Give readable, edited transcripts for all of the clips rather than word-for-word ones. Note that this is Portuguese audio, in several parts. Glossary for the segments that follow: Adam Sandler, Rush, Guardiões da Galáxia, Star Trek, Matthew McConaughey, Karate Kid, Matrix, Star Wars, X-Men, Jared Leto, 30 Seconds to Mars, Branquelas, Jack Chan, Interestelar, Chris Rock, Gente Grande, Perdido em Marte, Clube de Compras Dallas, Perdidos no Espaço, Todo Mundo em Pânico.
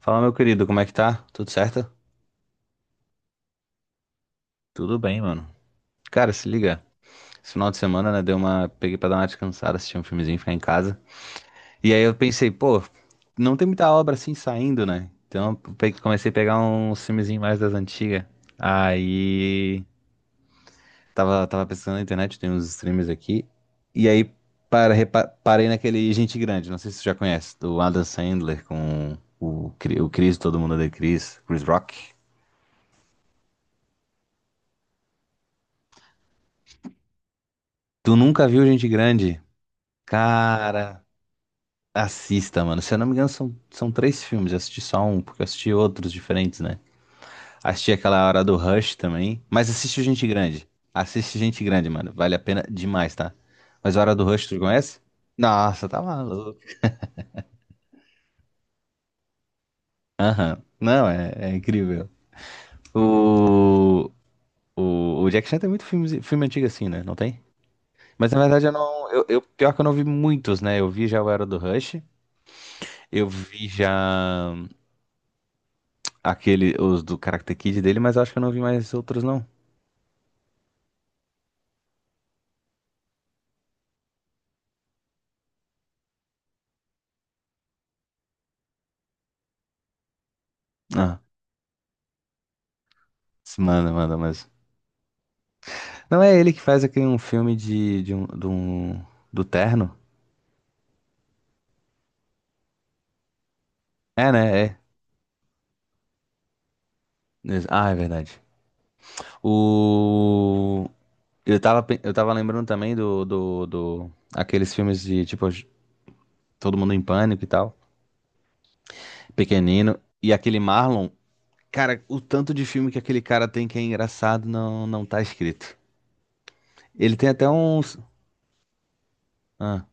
Fala, meu querido, como é que tá? Tudo certo? Tudo bem, mano. Cara, se liga. Esse final de semana, né, deu uma... Peguei pra dar uma descansada, assistir um filmezinho, ficar em casa. E aí eu pensei, pô, não tem muita obra assim saindo, né? Então comecei a pegar uns filmezinhos mais das antigas. Aí... Tava pesquisando na internet, tem uns streams aqui. E aí parei naquele Gente Grande, não sei se você já conhece, do Adam Sandler com o Chris, todo mundo odeia Chris, Chris Rock. Tu nunca viu Gente Grande? Cara, assista, mano. Se eu não me engano, são três filmes. Eu assisti só um, porque eu assisti outros diferentes, né? Assisti aquela hora do Rush também. Mas assiste o Gente Grande. Assiste Gente Grande, mano. Vale a pena demais, tá? Mas a hora do Rush, tu conhece? Nossa, tá maluco. Aham. Não, é incrível. O, o Jack Chan tem muito filme, filme antigo assim, né? Não tem? Mas na verdade eu não. Pior que eu não vi muitos, né? Eu vi já o Era do Rush. Eu vi já. Aquele, os do Karate Kid dele, mas eu acho que eu não vi mais outros, não. Ah, se manda, manda, mas. Não é ele que faz aquele um filme do Terno? É, né? É. Ah, é verdade. O. Eu tava, eu tava lembrando também do, do, do. Aqueles filmes de, tipo, Todo Mundo em Pânico e tal. Pequenino. E aquele Marlon. Cara, o tanto de filme que aquele cara tem que é engraçado não tá escrito. Ele tem até uns. Ah.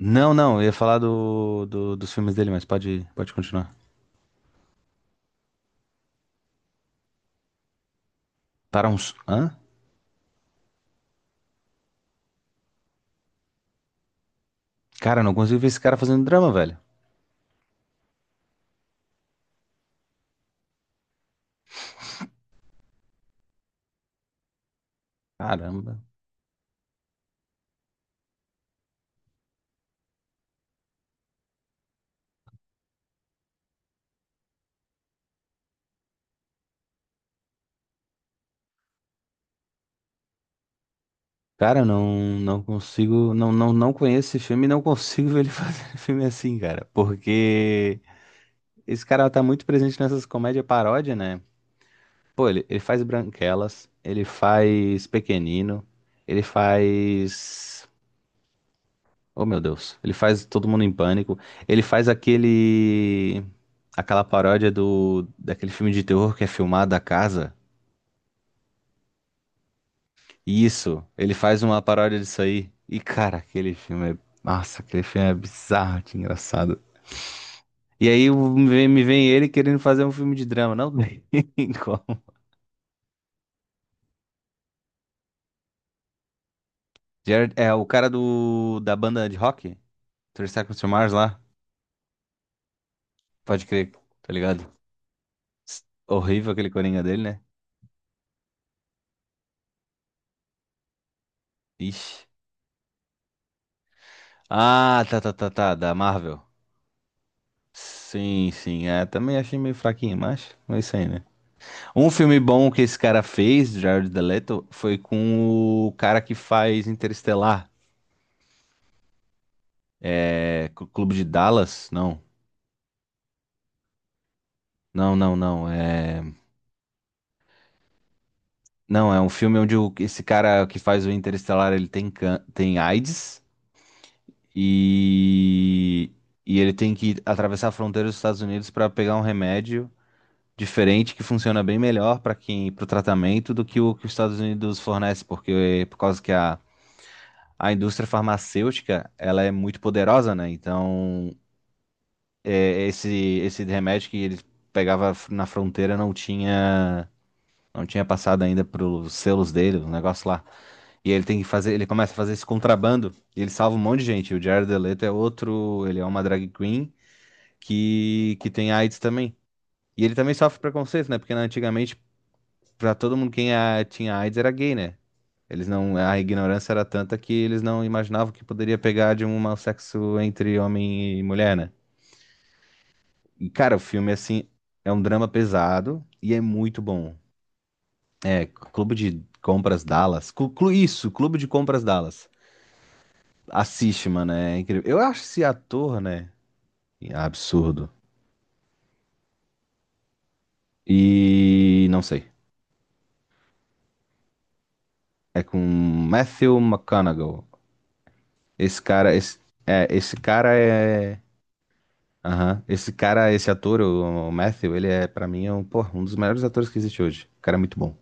Não, não, eu ia falar dos filmes dele, mas pode continuar. Para uns. Hã? Cara, eu não consigo ver esse cara fazendo drama, velho. Caramba. Cara, eu não consigo. Não conheço esse filme e não consigo ver ele fazendo filme assim, cara. Porque esse cara tá muito presente nessas comédias paródia, né? Pô, ele faz Branquelas, ele faz Pequenino, ele faz. Oh, meu Deus. Ele faz todo mundo em pânico. Ele faz aquele. Aquela paródia do. Daquele filme de terror que é filmado a casa. Isso. Ele faz uma paródia disso aí. E, cara, aquele filme é. Nossa, aquele filme é bizarro de engraçado. E aí me vem ele querendo fazer um filme de drama. Não tem como. Jared, é o cara do. Da banda de rock? 30 Seconds to Mars lá. Pode crer, tá ligado? S- Horrível aquele coringa dele, né? Ixi. Ah, tá. Da Marvel. Sim, sim. É, também achei meio fraquinho, mas é isso aí, né? Um filme bom que esse cara fez, Jared Leto, foi com o cara que faz Interestelar. É. Cl- Clube de Dallas? Não. Não. É. Não, é um filme onde o- esse cara que faz o Interestelar, ele tem, can... tem AIDS e. E ele tem que atravessar a fronteira dos Estados Unidos pra pegar um remédio diferente que funciona bem melhor para quem para o tratamento do que o que os Estados Unidos fornece, porque por causa que a indústria farmacêutica ela é muito poderosa, né? Então é, esse remédio que eles pegava f- na fronteira não tinha não tinha passado ainda para os selos dele, o negócio lá. E ele tem que fazer, ele começa a fazer esse contrabando e ele salva um monte de gente. O Jared Leto é outro, ele é uma drag queen que tem AIDS também. E ele também sofre preconceito, né? Porque né, antigamente pra todo mundo quem a- tinha AIDS era gay, né? Eles não, a ignorância era tanta que eles não imaginavam que poderia pegar de um mau sexo entre homem e mulher, né? E, cara, o filme, assim, é um drama pesado e é muito bom. É, Clube de Compras Dallas. Isso, Clube de Compras Dallas. Assiste, mano, é incrível. Eu acho esse ator, né? Absurdo. E não sei. É com Matthew McConaughey. Esse cara, esse, esse cara é. Aham. Esse cara, esse ator, o Matthew, ele é, pra mim, é um, pô, um dos melhores atores que existe hoje. O cara é muito bom.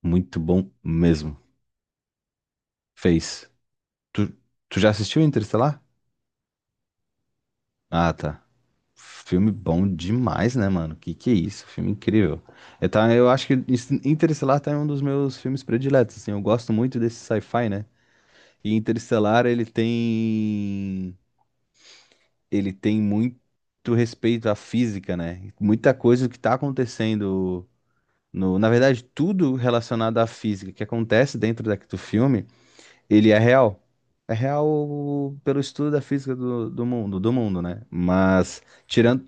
Muito bom mesmo. Fez. Tu, tu já assistiu Interestelar? Ah, tá. Filme bom demais, né, mano? Que é isso? Filme incrível. Eu, tá, eu acho que Interestelar tá em um dos meus filmes prediletos, assim. Eu gosto muito desse sci-fi, né? E Interestelar, ele tem... Ele tem muito respeito à física, né? Muita coisa que tá acontecendo no, na verdade, tudo relacionado à física que acontece dentro daqui do filme, ele é real. É real pelo estudo da física do mundo, né? Mas tirando,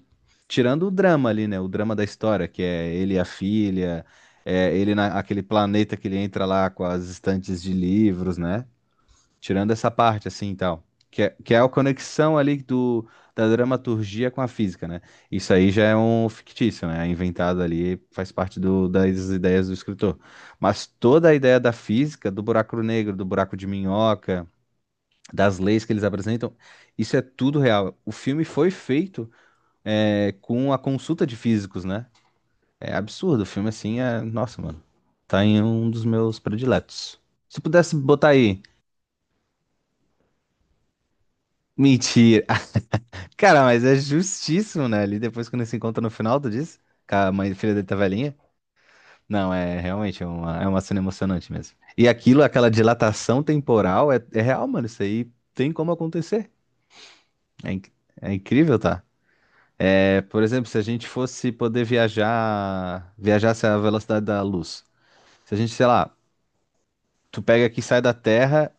tirando o drama ali, né? O drama da história, que é ele e a filha, é ele naquele planeta que ele entra lá com as estantes de livros, né? Tirando essa parte, assim, e tal. Que é a conexão ali do, da dramaturgia com a física, né? Isso aí já é um fictício, né? É inventado ali, faz parte do, das ideias do escritor. Mas toda a ideia da física, do buraco negro, do buraco de minhoca, das leis que eles apresentam, isso é tudo real. O filme foi feito é, com a consulta de físicos, né? É absurdo. O filme, assim, é... Nossa, mano. Tá em um dos meus prediletos. Se pudesse botar aí... Mentira. Cara, mas é justíssimo, né? Ali depois quando se encontra no final, tu diz? Que a mãe e filha dele tá velhinha? Não, é realmente é uma cena emocionante mesmo. E aquilo, aquela dilatação temporal, é real, mano. Isso aí tem como acontecer. É, inc- é incrível, tá? É, por exemplo, se a gente fosse poder viajar, viajasse à velocidade da luz. Se a gente, sei lá, tu pega aqui, sai da Terra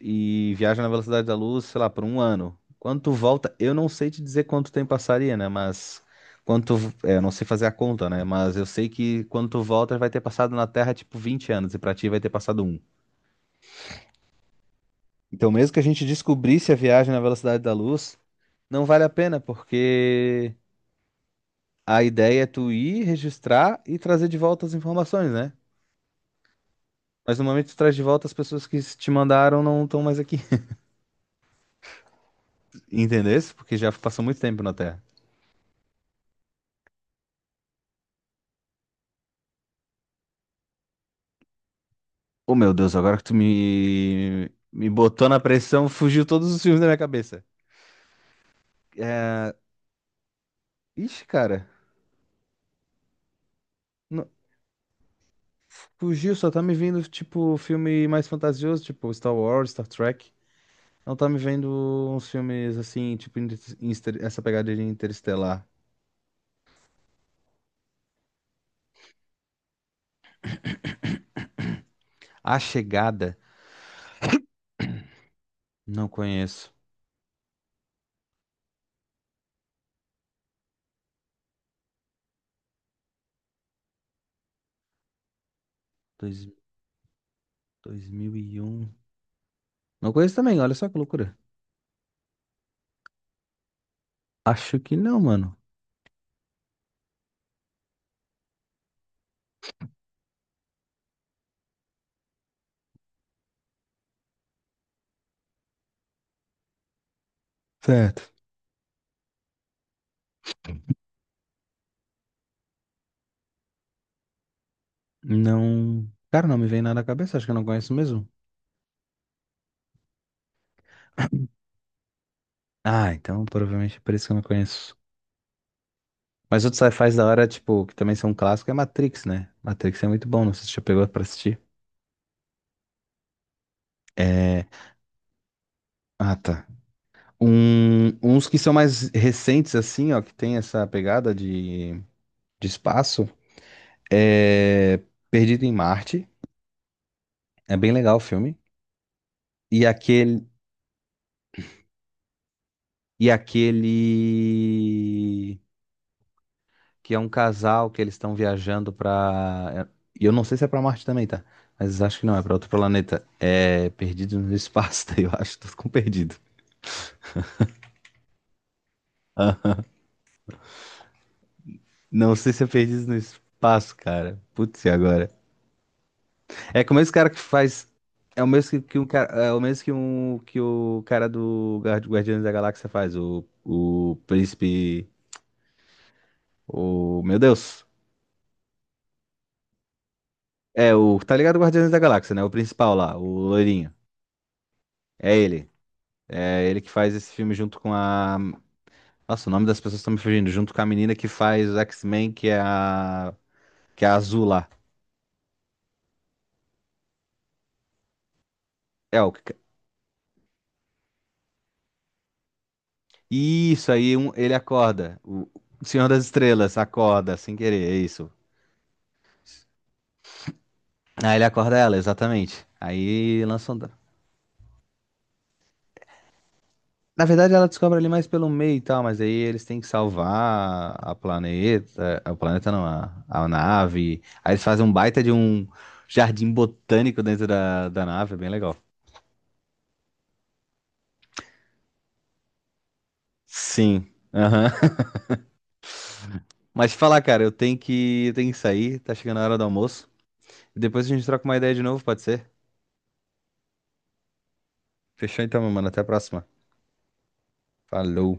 e viaja na velocidade da luz, sei lá, por um ano. Quando tu volta, eu não sei te dizer quanto tempo passaria, né? Mas quando tu, eu não sei fazer a conta, né? Mas eu sei que quando tu volta, vai ter passado na Terra tipo 20 anos e pra ti vai ter passado um. Então, mesmo que a gente descobrisse a viagem na velocidade da luz, não vale a pena, porque a ideia é tu ir, registrar e trazer de volta as informações, né? Mas no momento que tu traz de volta, as pessoas que te mandaram não estão mais aqui. Entendesse? Porque já passou muito tempo na Terra. Oh, meu Deus, agora que tu me botou na pressão, fugiu todos os filmes da minha cabeça. É... Ixi, cara, não- fugiu, só tá me vindo, tipo, filme mais fantasioso, tipo Star Wars, Star Trek. Não tá me vendo uns filmes assim, tipo, essa pegada de Interestelar. A Chegada, não conheço. Dois... dois mil e um. Não conheço também, olha só que loucura. Acho que não, mano. Certo. Não. Cara, não me vem nada na cabeça, acho que eu não conheço mesmo. Ah, então provavelmente é por isso que eu não conheço. Mas outros sci-fis da hora, tipo, que também são um clássico, é Matrix, né? Matrix é muito bom, não sei se você já pegou pra assistir. É... Ah, tá. Um... Uns que são mais recentes, assim, ó, que tem essa pegada de espaço, é Perdido em Marte. É bem legal o filme. E aquele... E aquele... que é um casal que eles estão viajando pra. E eu não sei se é pra Marte também, tá? Mas acho que não, é pra outro planeta. É Perdidos no Espaço, tá? Eu acho, tô com perdido. Ah, não sei se é Perdidos no Espaço, cara. Putz, e agora? É com o mesmo cara que faz. É o mesmo que um cara, é o mesmo que um que o cara do Guardiões da Galáxia faz, o príncipe, o meu Deus. É o, tá ligado Guardiões da Galáxia, né? O principal lá, o loirinho. É ele. É ele que faz esse filme junto com a. Nossa, o nome das pessoas estão me fugindo, junto com a menina que faz X-Men, que é a. Que é a azul lá. Elka. Isso aí, um- ele acorda. O Senhor das Estrelas acorda, sem querer, é isso. Aí ele acorda ela, exatamente. Aí lançam. Na verdade, ela descobre ali mais pelo meio e tal, mas aí eles têm que salvar a planeta. O planeta não, a nave. Aí eles fazem um baita de um jardim botânico dentro da nave, é bem legal. Sim. Aham. Mas te falar, cara, eu tenho que sair, tá chegando a hora do almoço. Depois a gente troca uma ideia de novo, pode ser? Fechou então, meu mano. Até a próxima. Falou.